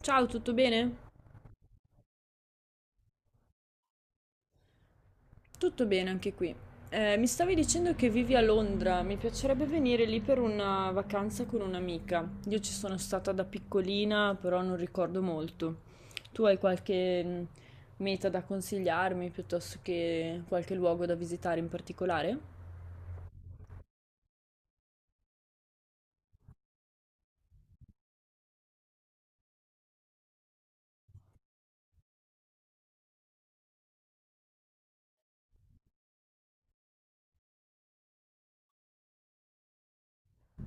Ciao, tutto bene? Tutto bene anche qui. Mi stavi dicendo che vivi a Londra, mi piacerebbe venire lì per una vacanza con un'amica. Io ci sono stata da piccolina, però non ricordo molto. Tu hai qualche meta da consigliarmi piuttosto che qualche luogo da visitare in particolare?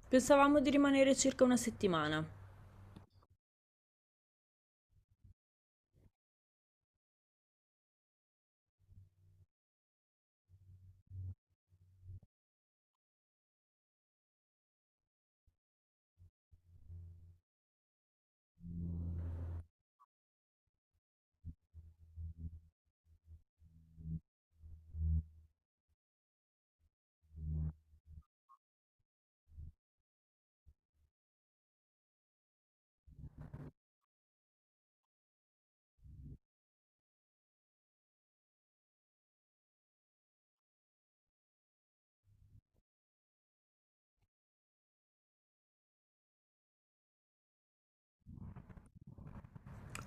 Pensavamo di rimanere circa una settimana.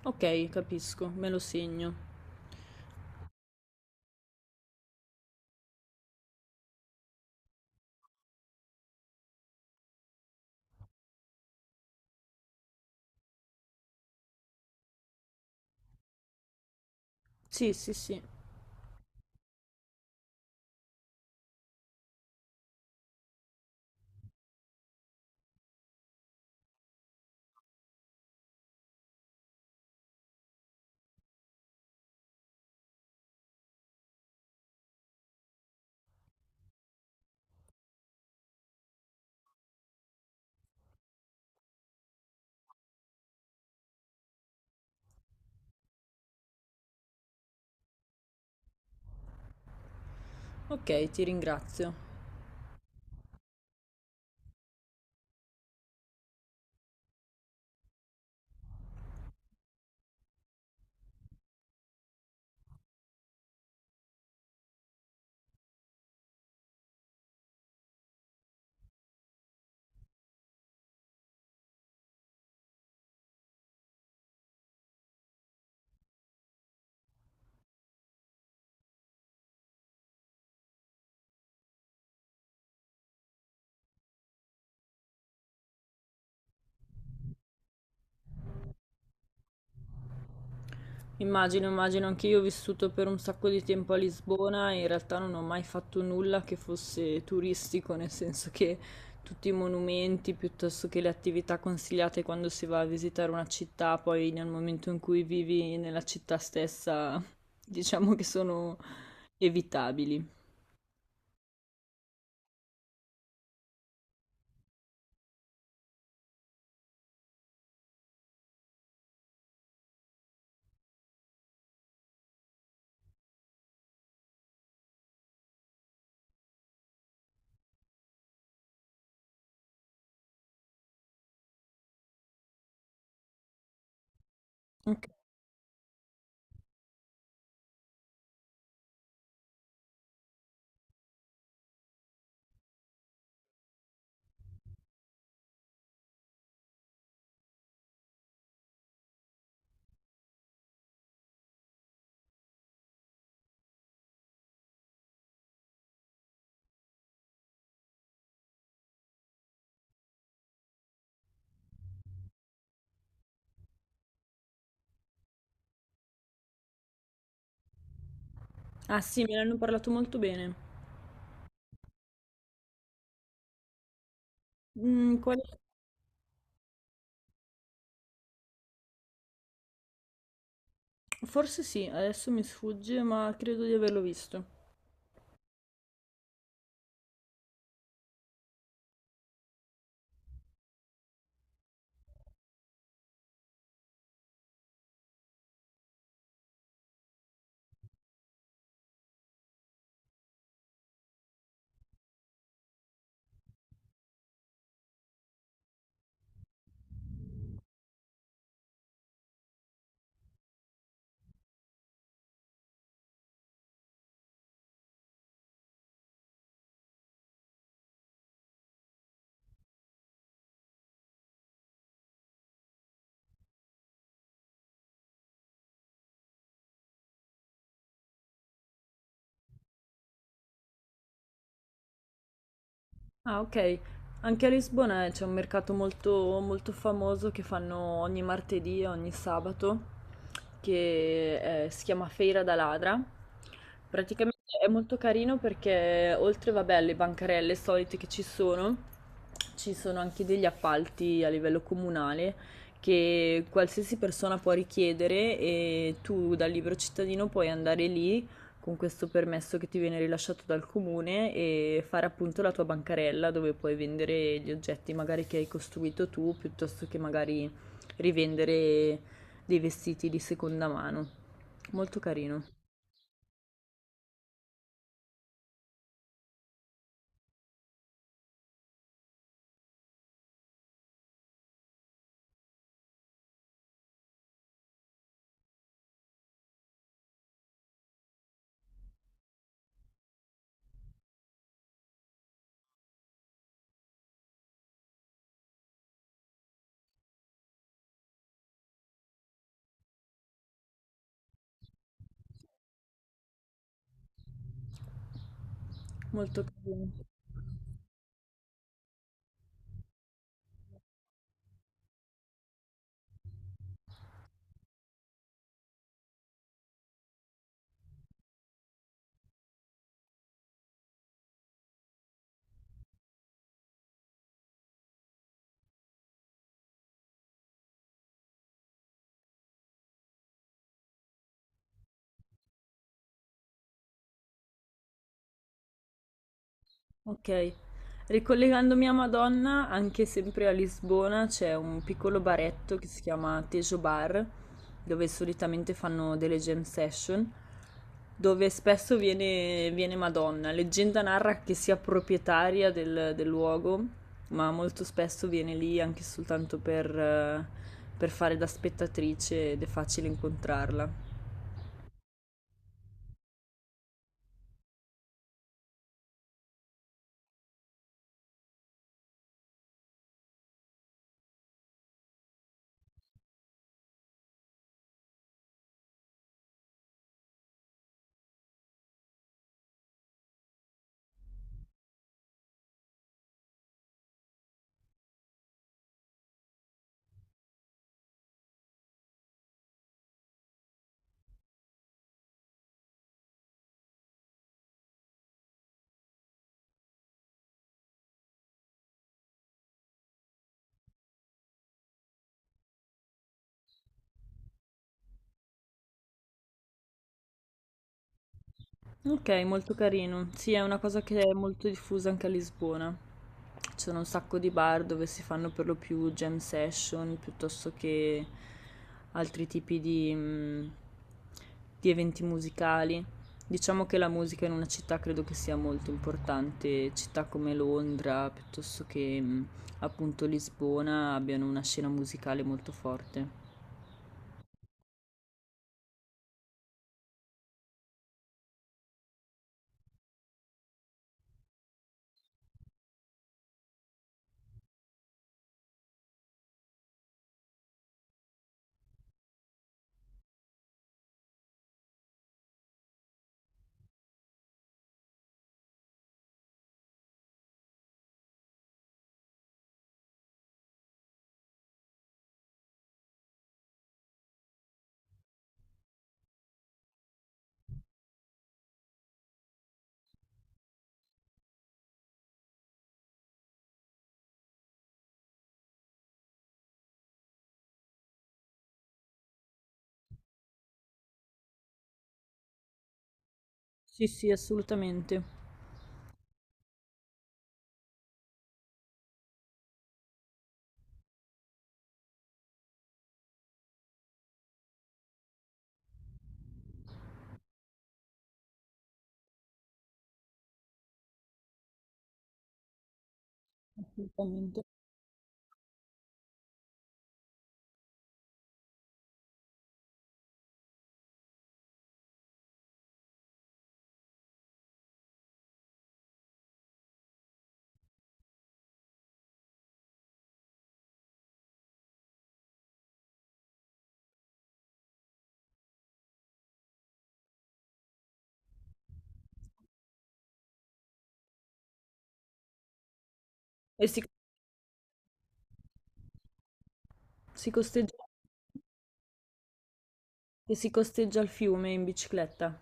Ok, capisco, me lo segno. Sì, sì, sì. Ok, ti ringrazio. Immagino, immagino, anche io ho vissuto per un sacco di tempo a Lisbona e in realtà non ho mai fatto nulla che fosse turistico, nel senso che tutti i monumenti piuttosto che le attività consigliate quando si va a visitare una città, poi nel momento in cui vivi nella città stessa, diciamo che sono evitabili. Ok. Ah sì, me ne hanno parlato molto bene. Mm. Forse sì, adesso mi sfugge, ma credo di averlo visto. Ah, ok. Anche a Lisbona c'è un mercato molto, molto famoso che fanno ogni martedì e ogni sabato, che si chiama Feira da Ladra. Praticamente è molto carino perché oltre, vabbè, alle bancarelle solite che ci sono anche degli appalti a livello comunale che qualsiasi persona può richiedere e tu da libero cittadino puoi andare lì con questo permesso che ti viene rilasciato dal comune e fare appunto la tua bancarella dove puoi vendere gli oggetti magari che hai costruito tu piuttosto che magari rivendere dei vestiti di seconda mano. Molto carino, molto carino. Ok, ricollegandomi a Madonna, anche sempre a Lisbona c'è un piccolo baretto che si chiama Tejo Bar, dove solitamente fanno delle jam session, dove spesso viene, viene Madonna. Leggenda narra che sia proprietaria del luogo, ma molto spesso viene lì anche soltanto per fare da spettatrice ed è facile incontrarla. Okay, molto carino. Sì, è una cosa che è molto diffusa anche a Lisbona. Ci sono un sacco di bar dove si fanno per lo più jam session piuttosto che altri tipi di eventi musicali. Diciamo che la musica in una città credo che sia molto importante. Città come Londra, piuttosto che appunto Lisbona, abbiano una scena musicale molto forte. Sì, sì, assolutamente. Assolutamente. E si costeggia si costeggia il fiume in bicicletta.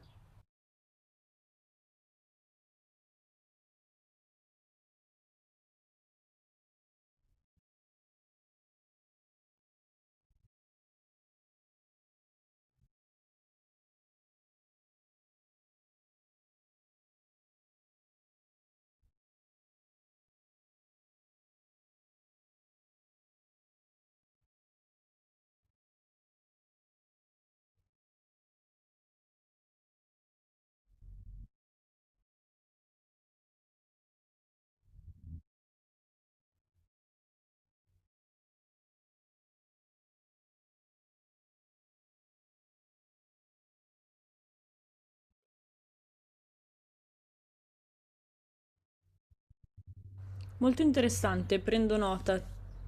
Molto interessante, prendo nota.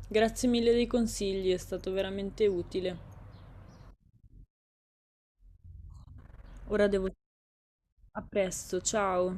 Grazie mille dei consigli, è stato veramente utile. Ora devo. A presto, ciao!